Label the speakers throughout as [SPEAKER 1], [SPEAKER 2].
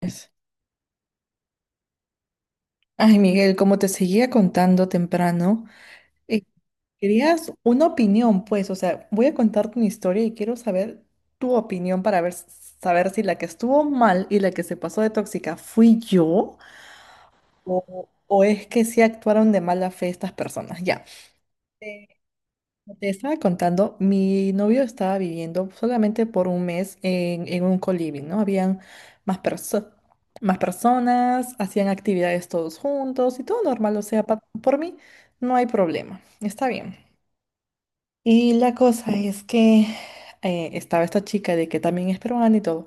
[SPEAKER 1] Pues, ay, Miguel, como te seguía contando temprano, eh, querías una opinión, pues, o sea, voy a contarte una historia y quiero saber tu opinión para ver, saber si la que estuvo mal y la que se pasó de tóxica fui yo o es que sí actuaron de mala fe estas personas. Ya. Te estaba contando, mi novio estaba viviendo solamente por un mes en un coliving, ¿no? Habían más, perso- más personas, hacían actividades todos juntos y todo normal, o sea, por mí no hay problema, está bien. Y la cosa es que estaba esta chica de que también es peruana y todo,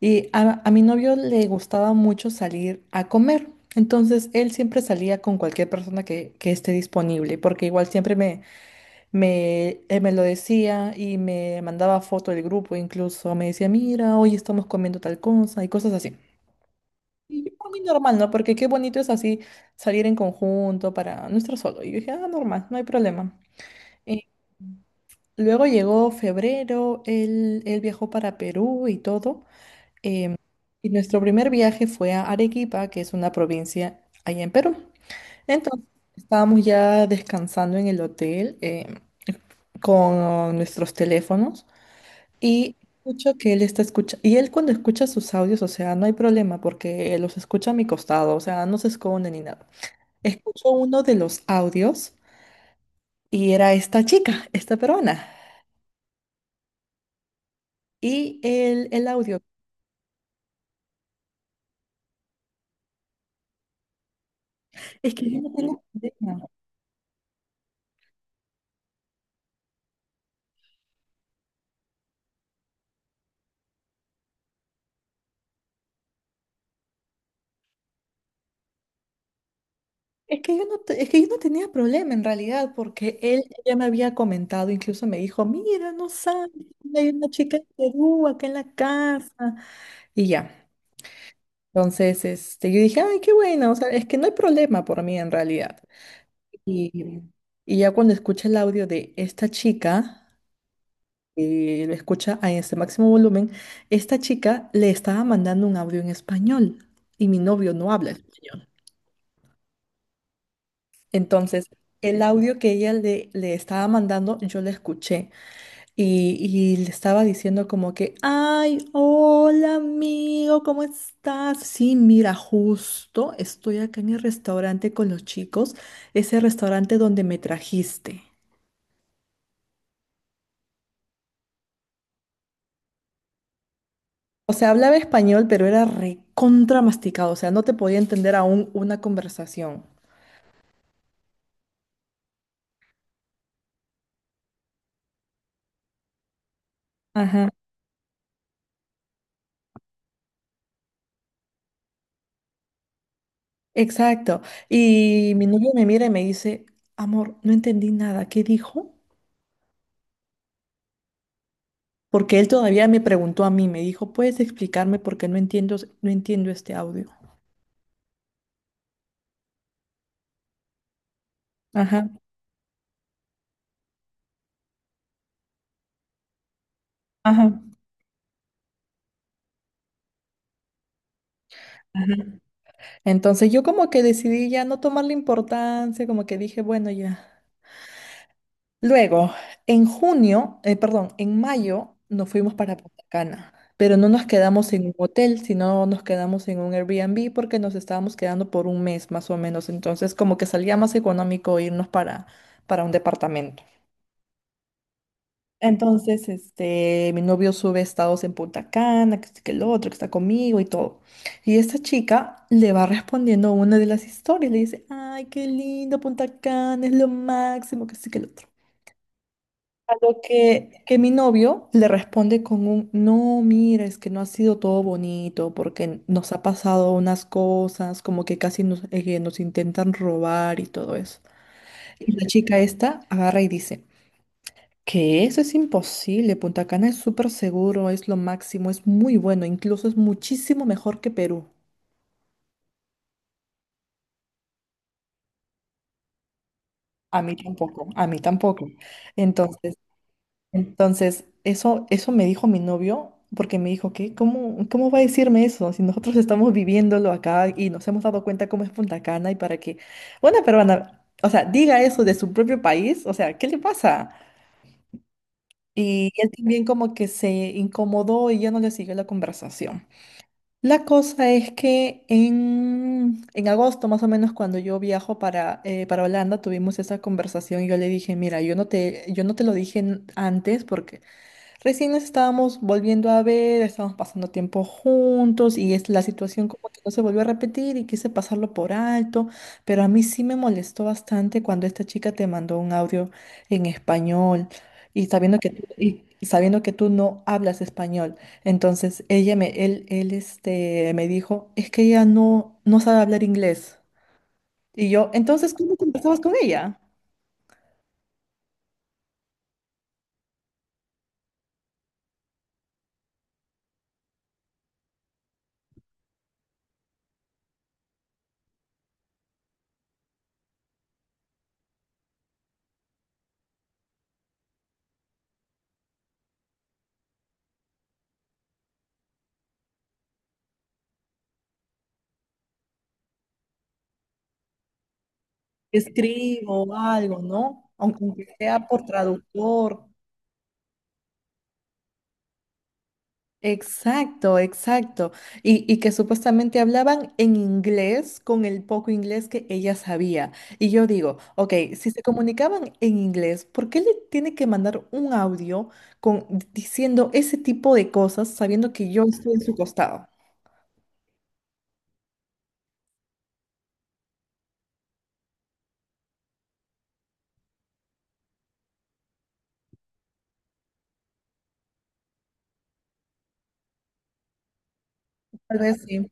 [SPEAKER 1] y a mi novio le gustaba mucho salir a comer, entonces él siempre salía con cualquier persona que esté disponible, porque igual siempre él me lo decía y me mandaba foto del grupo, incluso me decía, mira, hoy estamos comiendo tal cosa y cosas así. Y yo, muy normal, ¿no? Porque qué bonito es así salir en conjunto para no estar solo. Y yo dije, ah, normal, no hay problema. Y luego llegó febrero, él viajó para Perú y todo. Y nuestro primer viaje fue a Arequipa, que es una provincia allá en Perú. Entonces, estábamos ya descansando en el hotel, con nuestros teléfonos. Y escucho que él está escuchando, y él cuando escucha sus audios, o sea, no hay problema porque los escucha a mi costado, o sea, no se esconde ni nada. Escucho uno de los audios y era esta chica, esta peruana. Y el audio, es que yo no tenía problema, es que yo no, es que yo no tenía problema en realidad, porque él ya me había comentado, incluso me dijo, mira, no sabes, hay una chica en Perú, acá en la casa, y ya. Entonces, este, yo dije, ay, qué bueno, o sea, es que no hay problema por mí en realidad. Y, y ya cuando escucha el audio de esta chica, lo escucha a ese máximo volumen, esta chica le estaba mandando un audio en español y mi novio no habla español. Entonces, el audio que ella le estaba mandando, yo lo escuché y le estaba diciendo como que, ay, hola amigo, ¿cómo estás? Sí, mira, justo estoy acá en el restaurante con los chicos, ese restaurante donde me trajiste. O sea, hablaba español, pero era recontra masticado, o sea, no te podía entender aún una conversación. Ajá. Exacto. Y mi novio me mira y me dice, amor, no entendí nada, ¿qué dijo? Porque él todavía me preguntó a mí, me dijo, ¿puedes explicarme porque no entiendo, no entiendo este audio? Ajá, ajá, ajá. Entonces yo como que decidí ya no tomarle importancia, como que dije, bueno, ya. Luego, en junio, perdón, en mayo nos fuimos para Punta Cana, pero no nos quedamos en un hotel, sino nos quedamos en un Airbnb porque nos estábamos quedando por un mes más o menos. Entonces, como que salía más económico irnos para un departamento. Entonces, este, mi novio sube estados en Punta Cana, que, este, que el otro, que está conmigo y todo. Y esta chica le va respondiendo a una de las historias, le dice, ay, qué lindo Punta Cana, es lo máximo, que sí, que el otro. Lo que mi novio le responde con un, no, mira, es que no ha sido todo bonito porque nos ha pasado unas cosas, como que casi nos, que nos intentan robar y todo eso. Y la chica esta agarra y dice, que eso es imposible, Punta Cana es súper seguro, es lo máximo, es muy bueno, incluso es muchísimo mejor que Perú. A mí tampoco, a mí tampoco. Entonces, Entonces, eso, eso me dijo mi novio, porque me dijo que, ¿cómo, cómo va a decirme eso? Si nosotros estamos viviéndolo acá y nos hemos dado cuenta cómo es Punta Cana y para que una peruana, o sea, diga eso de su propio país, o sea, ¿qué le pasa? Y él también como que se incomodó y ya no le siguió la conversación. La cosa es que en agosto, más o menos, cuando yo viajo para Holanda, tuvimos esa conversación y yo le dije, mira, yo no te lo dije antes porque recién nos estábamos volviendo a ver, estábamos pasando tiempo juntos y es la situación como que no se volvió a repetir y quise pasarlo por alto, pero a mí sí me molestó bastante cuando esta chica te mandó un audio en español y sabiendo que tú no hablas español. Entonces él este, me dijo, es que ella no, no sabe hablar inglés. Y yo, entonces, ¿cómo conversabas con ella? Escribo algo, ¿no? Aunque sea por traductor. Exacto, exacto. Y que supuestamente hablaban en inglés con el poco inglés que ella sabía. Y yo digo, ok, si se comunicaban en inglés, ¿por qué le tiene que mandar un audio con, diciendo ese tipo de cosas sabiendo que yo estoy en su costado? Tal vez sí.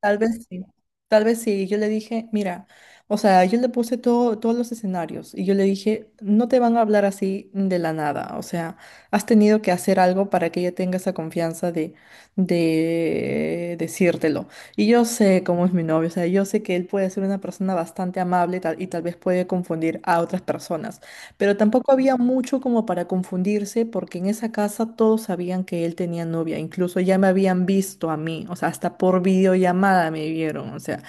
[SPEAKER 1] Tal vez sí, tal vez sí. Yo le dije, mira, o sea, yo le puse todo, todos los escenarios y yo le dije, no te van a hablar así de la nada, o sea, has tenido que hacer algo para que ella tenga esa confianza de decírtelo. Y yo sé cómo es mi novio, o sea, yo sé que él puede ser una persona bastante amable y tal vez puede confundir a otras personas. Pero tampoco había mucho como para confundirse porque en esa casa todos sabían que él tenía novia, incluso ya me habían visto a mí, o sea, hasta por videollamada me vieron, o sea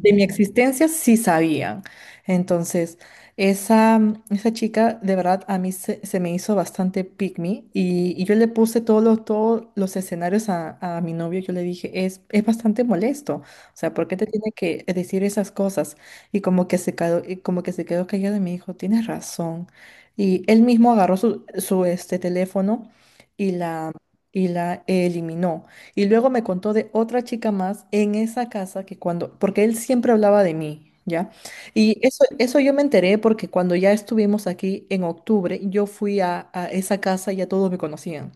[SPEAKER 1] de mi existencia sí sabían. Entonces, esa, esa chica de verdad a mí se me hizo bastante pick me y yo le puse todos los escenarios a mi novio. Yo le dije, es bastante molesto. O sea, ¿por qué te tiene que decir esas cosas? Y como que se quedó callado y me dijo, tienes razón. Y él mismo agarró su este, teléfono y la, y la eliminó. Y luego me contó de otra chica más en esa casa que cuando, porque él siempre hablaba de mí, ¿ya? Y eso yo me enteré porque cuando ya estuvimos aquí en octubre, yo fui a esa casa y ya todos me conocían.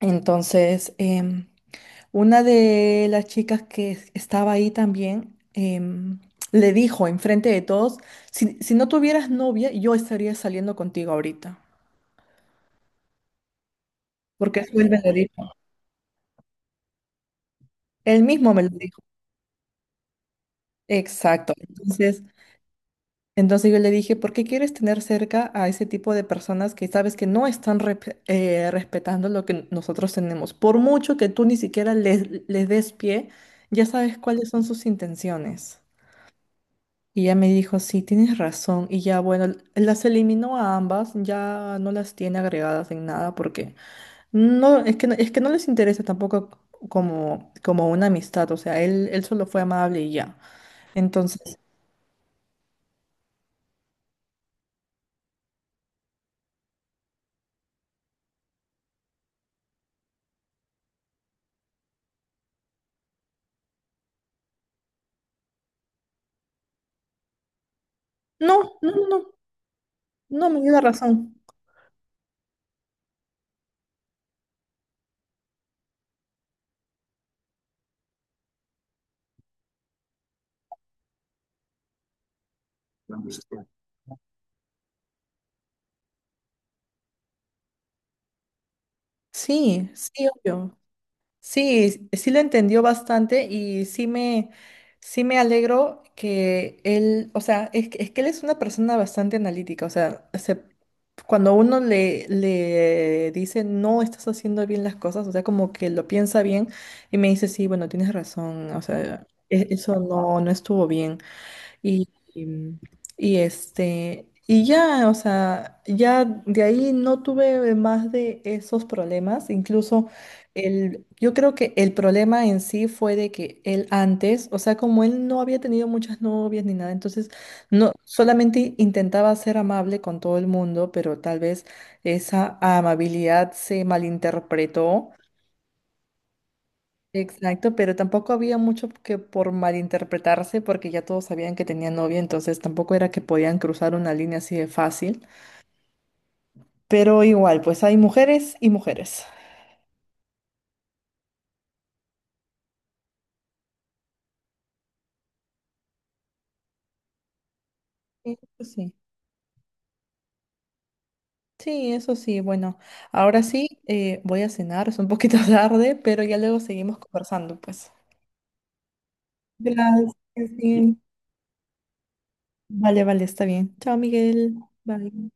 [SPEAKER 1] Entonces, una de las chicas que estaba ahí también, le dijo enfrente de todos, si no tuvieras novia, yo estaría saliendo contigo ahorita. Porque eso él me lo dijo. Él mismo me lo dijo. Exacto. Entonces, yo le dije, ¿por qué quieres tener cerca a ese tipo de personas que sabes que no están respetando lo que nosotros tenemos? Por mucho que tú ni siquiera les des pie, ya sabes cuáles son sus intenciones. Y ella me dijo, sí, tienes razón. Y ya, bueno, las eliminó a ambas, ya no las tiene agregadas en nada porque no, es que, es que no les interesa tampoco como, como una amistad. O sea, él solo fue amable y ya. Entonces, no, no, no, no, no me dio la razón. Sí, sí, obvio. Sí, sí lo entendió bastante y sí sí me alegro que él, o sea, es que él es una persona bastante analítica, o sea, cuando uno le dice no estás haciendo bien las cosas, o sea, como que lo piensa bien y me dice, sí, bueno, tienes razón, o sea, eso no, no estuvo bien. Y, y, y ya, o sea, ya de ahí no tuve más de esos problemas. Incluso el, yo creo que el problema en sí fue de que él antes, o sea, como él no había tenido muchas novias ni nada, entonces no, solamente intentaba ser amable con todo el mundo, pero tal vez esa amabilidad se malinterpretó. Exacto, pero tampoco había mucho que por malinterpretarse porque ya todos sabían que tenía novia, entonces tampoco era que podían cruzar una línea así de fácil. Pero igual, pues hay mujeres y mujeres. Eso sí, sí, eso sí. Bueno, ahora sí, voy a cenar, es un poquito tarde, pero ya luego seguimos conversando, pues. Gracias. Sí. Vale, vale, está bien. Chao, Miguel. Bye.